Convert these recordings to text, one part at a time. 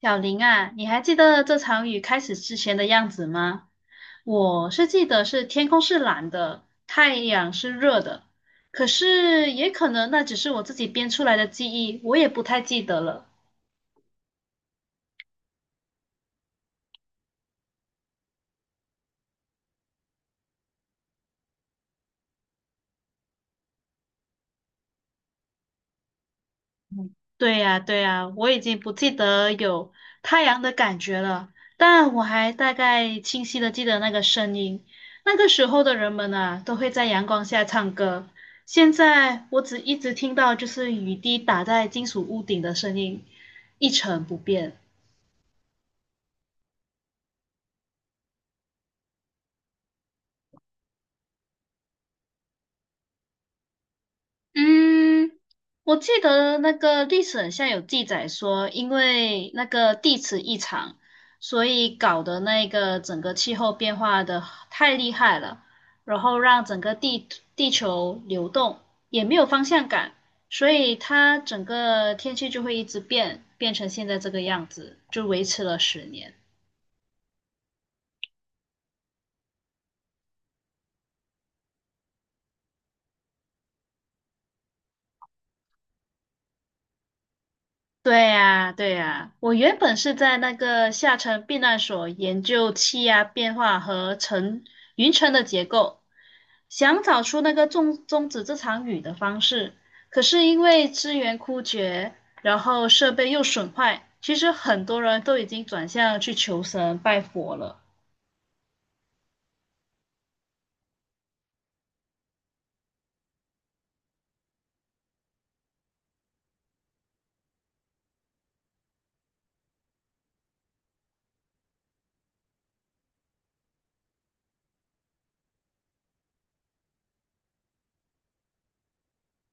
小林啊，你还记得这场雨开始之前的样子吗？我是记得是天空是蓝的，太阳是热的，可是也可能那只是我自己编出来的记忆，我也不太记得了。对呀，对呀，我已经不记得有太阳的感觉了，但我还大概清晰的记得那个声音。那个时候的人们啊，都会在阳光下唱歌。现在我只一直听到就是雨滴打在金属屋顶的声音，一成不变。嗯，我记得那个历史很像有记载说，因为那个地磁异常，所以搞得那个整个气候变化的太厉害了，然后让整个地球流动也没有方向感，所以它整个天气就会一直变，变成现在这个样子，就维持了十年。对呀，对呀，我原本是在那个下沉避难所研究气压变化和云层的结构，想找出那个终止这场雨的方式。可是因为资源枯竭，然后设备又损坏，其实很多人都已经转向去求神拜佛了。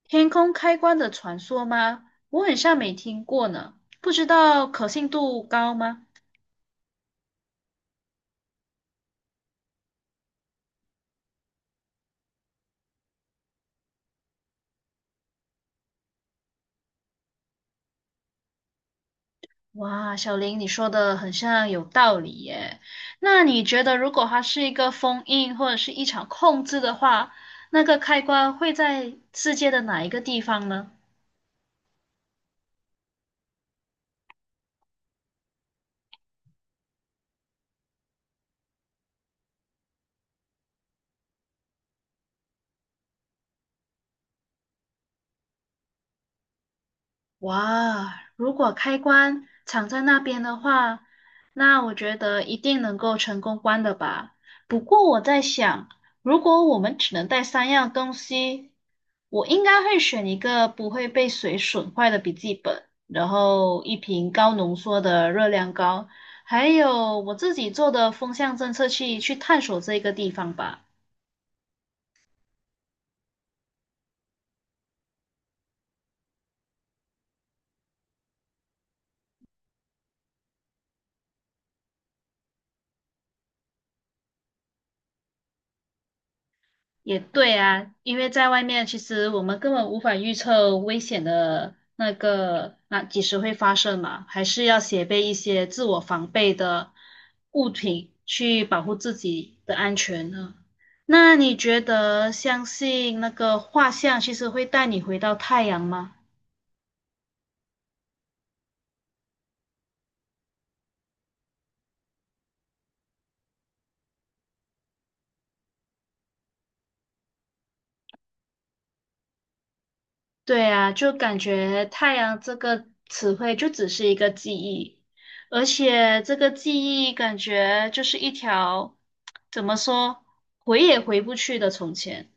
天空开关的传说吗？我很像没听过呢，不知道可信度高吗？哇，小林，你说的很像有道理耶。那你觉得，如果它是一个封印或者是一场控制的话，那个开关会在世界的哪一个地方呢？哇，如果开关藏在那边的话，那我觉得一定能够成功关的吧。不过我在想，如果我们只能带三样东西，我应该会选一个不会被水损坏的笔记本，然后一瓶高浓缩的热量膏，还有我自己做的风向侦测器去探索这个地方吧。也对啊，因为在外面，其实我们根本无法预测危险的那个那几时会发生嘛，还是要携带一些自我防备的物品去保护自己的安全呢。那你觉得相信那个画像其实会带你回到太阳吗？对啊，就感觉"太阳"这个词汇就只是一个记忆，而且这个记忆感觉就是一条，怎么说，回也回不去的从前。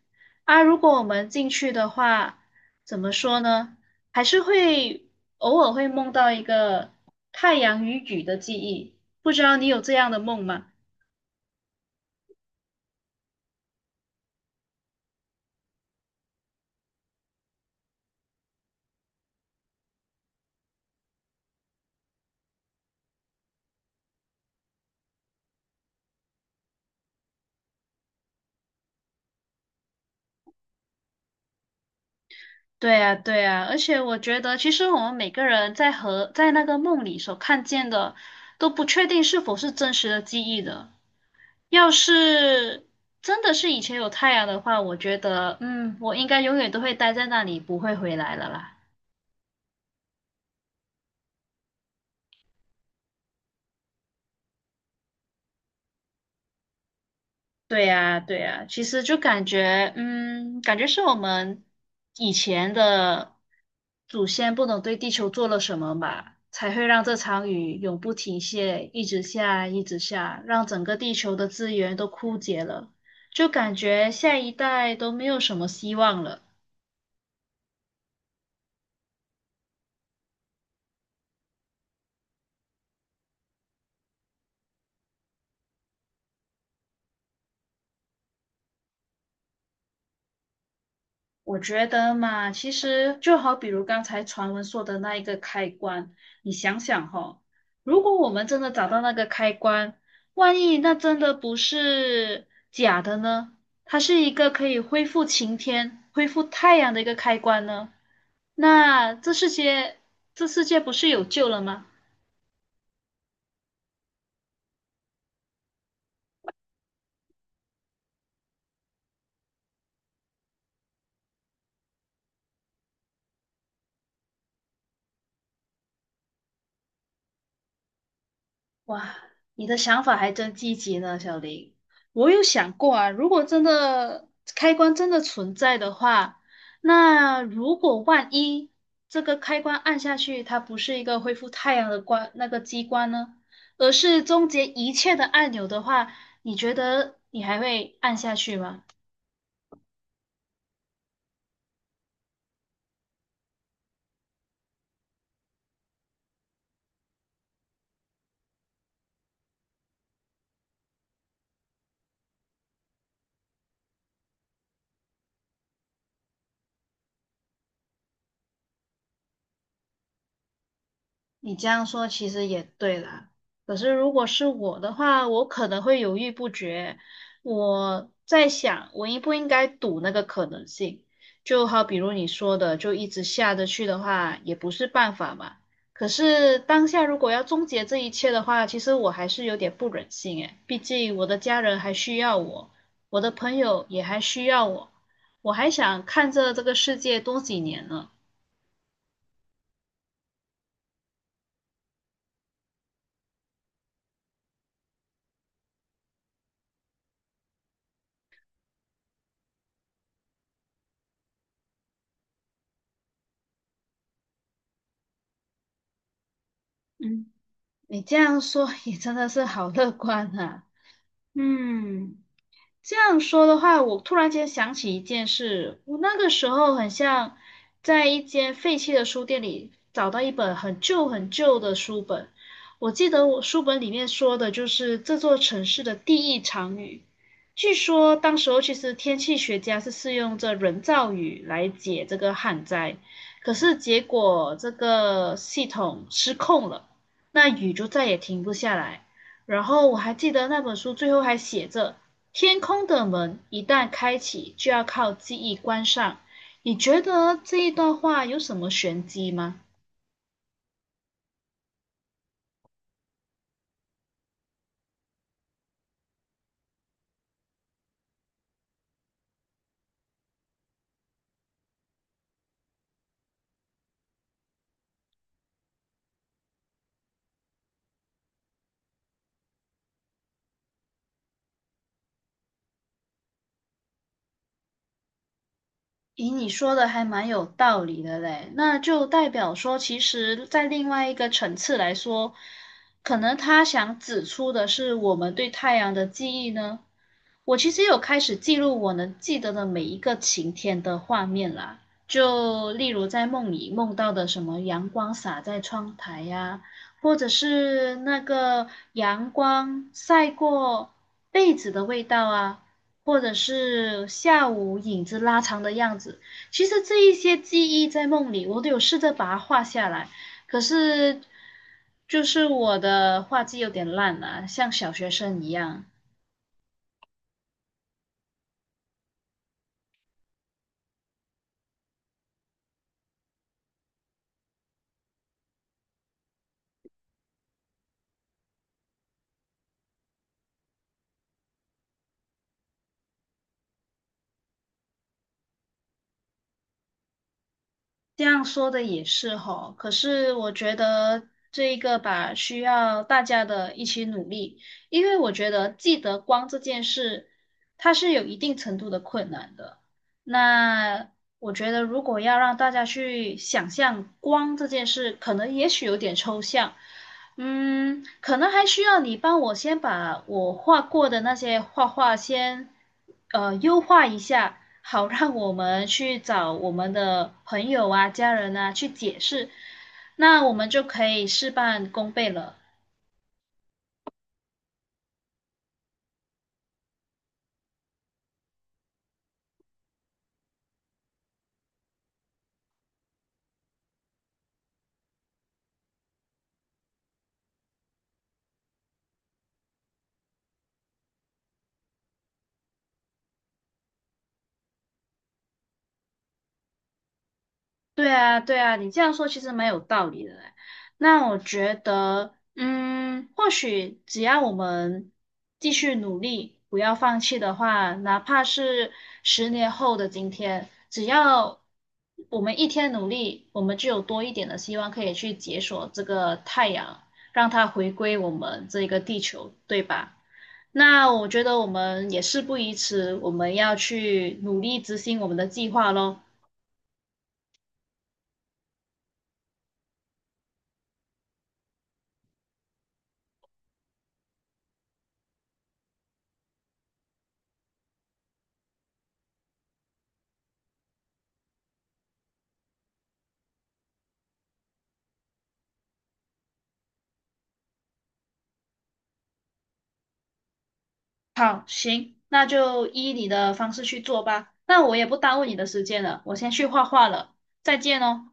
啊，如果我们进去的话，怎么说呢？还是会偶尔会梦到一个太阳与雨的记忆，不知道你有这样的梦吗？对呀，对呀，而且我觉得，其实我们每个人在和在那个梦里所看见的，都不确定是否是真实的记忆的。要是真的是以前有太阳的话，我觉得，嗯，我应该永远都会待在那里，不会回来了啦。对呀，对呀，其实就感觉，嗯，感觉是我们以前的祖先不懂对地球做了什么吧，才会让这场雨永不停歇，一直下，一直下，让整个地球的资源都枯竭了，就感觉下一代都没有什么希望了。我觉得嘛，其实就好比如刚才传闻说的那一个开关，你想想哈，如果我们真的找到那个开关，万一那真的不是假的呢？它是一个可以恢复晴天、恢复太阳的一个开关呢？那这世界，这世界不是有救了吗？哇，你的想法还真积极呢，小林。我有想过啊，如果真的开关真的存在的话，那如果万一这个开关按下去，它不是一个恢复太阳的关那个机关呢，而是终结一切的按钮的话，你觉得你还会按下去吗？你这样说其实也对啦，可是如果是我的话，我可能会犹豫不决。我在想，我应不应该赌那个可能性？就好比如你说的，就一直下着去的话，也不是办法嘛。可是当下如果要终结这一切的话，其实我还是有点不忍心诶，毕竟我的家人还需要我，我的朋友也还需要我，我还想看着这个世界多几年呢。嗯。你这样说也真的是好乐观啊。嗯，这样说的话，我突然间想起一件事，我那个时候很像在一间废弃的书店里找到一本很旧很旧的书本。我记得我书本里面说的就是这座城市的第一场雨。据说当时候其实天气学家是试用这人造雨来解这个旱灾，可是结果这个系统失控了，那雨就再也停不下来。然后我还记得那本书最后还写着。天空的门一旦开启，就要靠记忆关上。你觉得这一段话有什么玄机吗？咦，你说的还蛮有道理的嘞，那就代表说，其实，在另外一个层次来说，可能他想指出的是我们对太阳的记忆呢。我其实有开始记录我能记得的每一个晴天的画面啦，就例如在梦里梦到的什么阳光洒在窗台呀、或者是那个阳光晒过被子的味道啊，或者是下午影子拉长的样子。其实这一些记忆在梦里，我都有试着把它画下来，可是就是我的画技有点烂了，像小学生一样。这样说的也是吼，可是我觉得这一个吧，需要大家的一起努力，因为我觉得记得光这件事，它是有一定程度的困难的。那我觉得，如果要让大家去想象光这件事，可能也许有点抽象，嗯，可能还需要你帮我先把我画过的那些画画先，优化一下，好让我们去找我们的朋友啊、家人啊去解释，那我们就可以事半功倍了。对啊，对啊，你这样说其实蛮有道理的嘞。那我觉得，嗯，或许只要我们继续努力，不要放弃的话，哪怕是10年后的今天，只要我们一天努力，我们就有多一点的希望可以去解锁这个太阳，让它回归我们这个地球，对吧？那我觉得我们也事不宜迟，我们要去努力执行我们的计划喽。好，行，那就依你的方式去做吧。那我也不耽误你的时间了，我先去画画了，再见哦。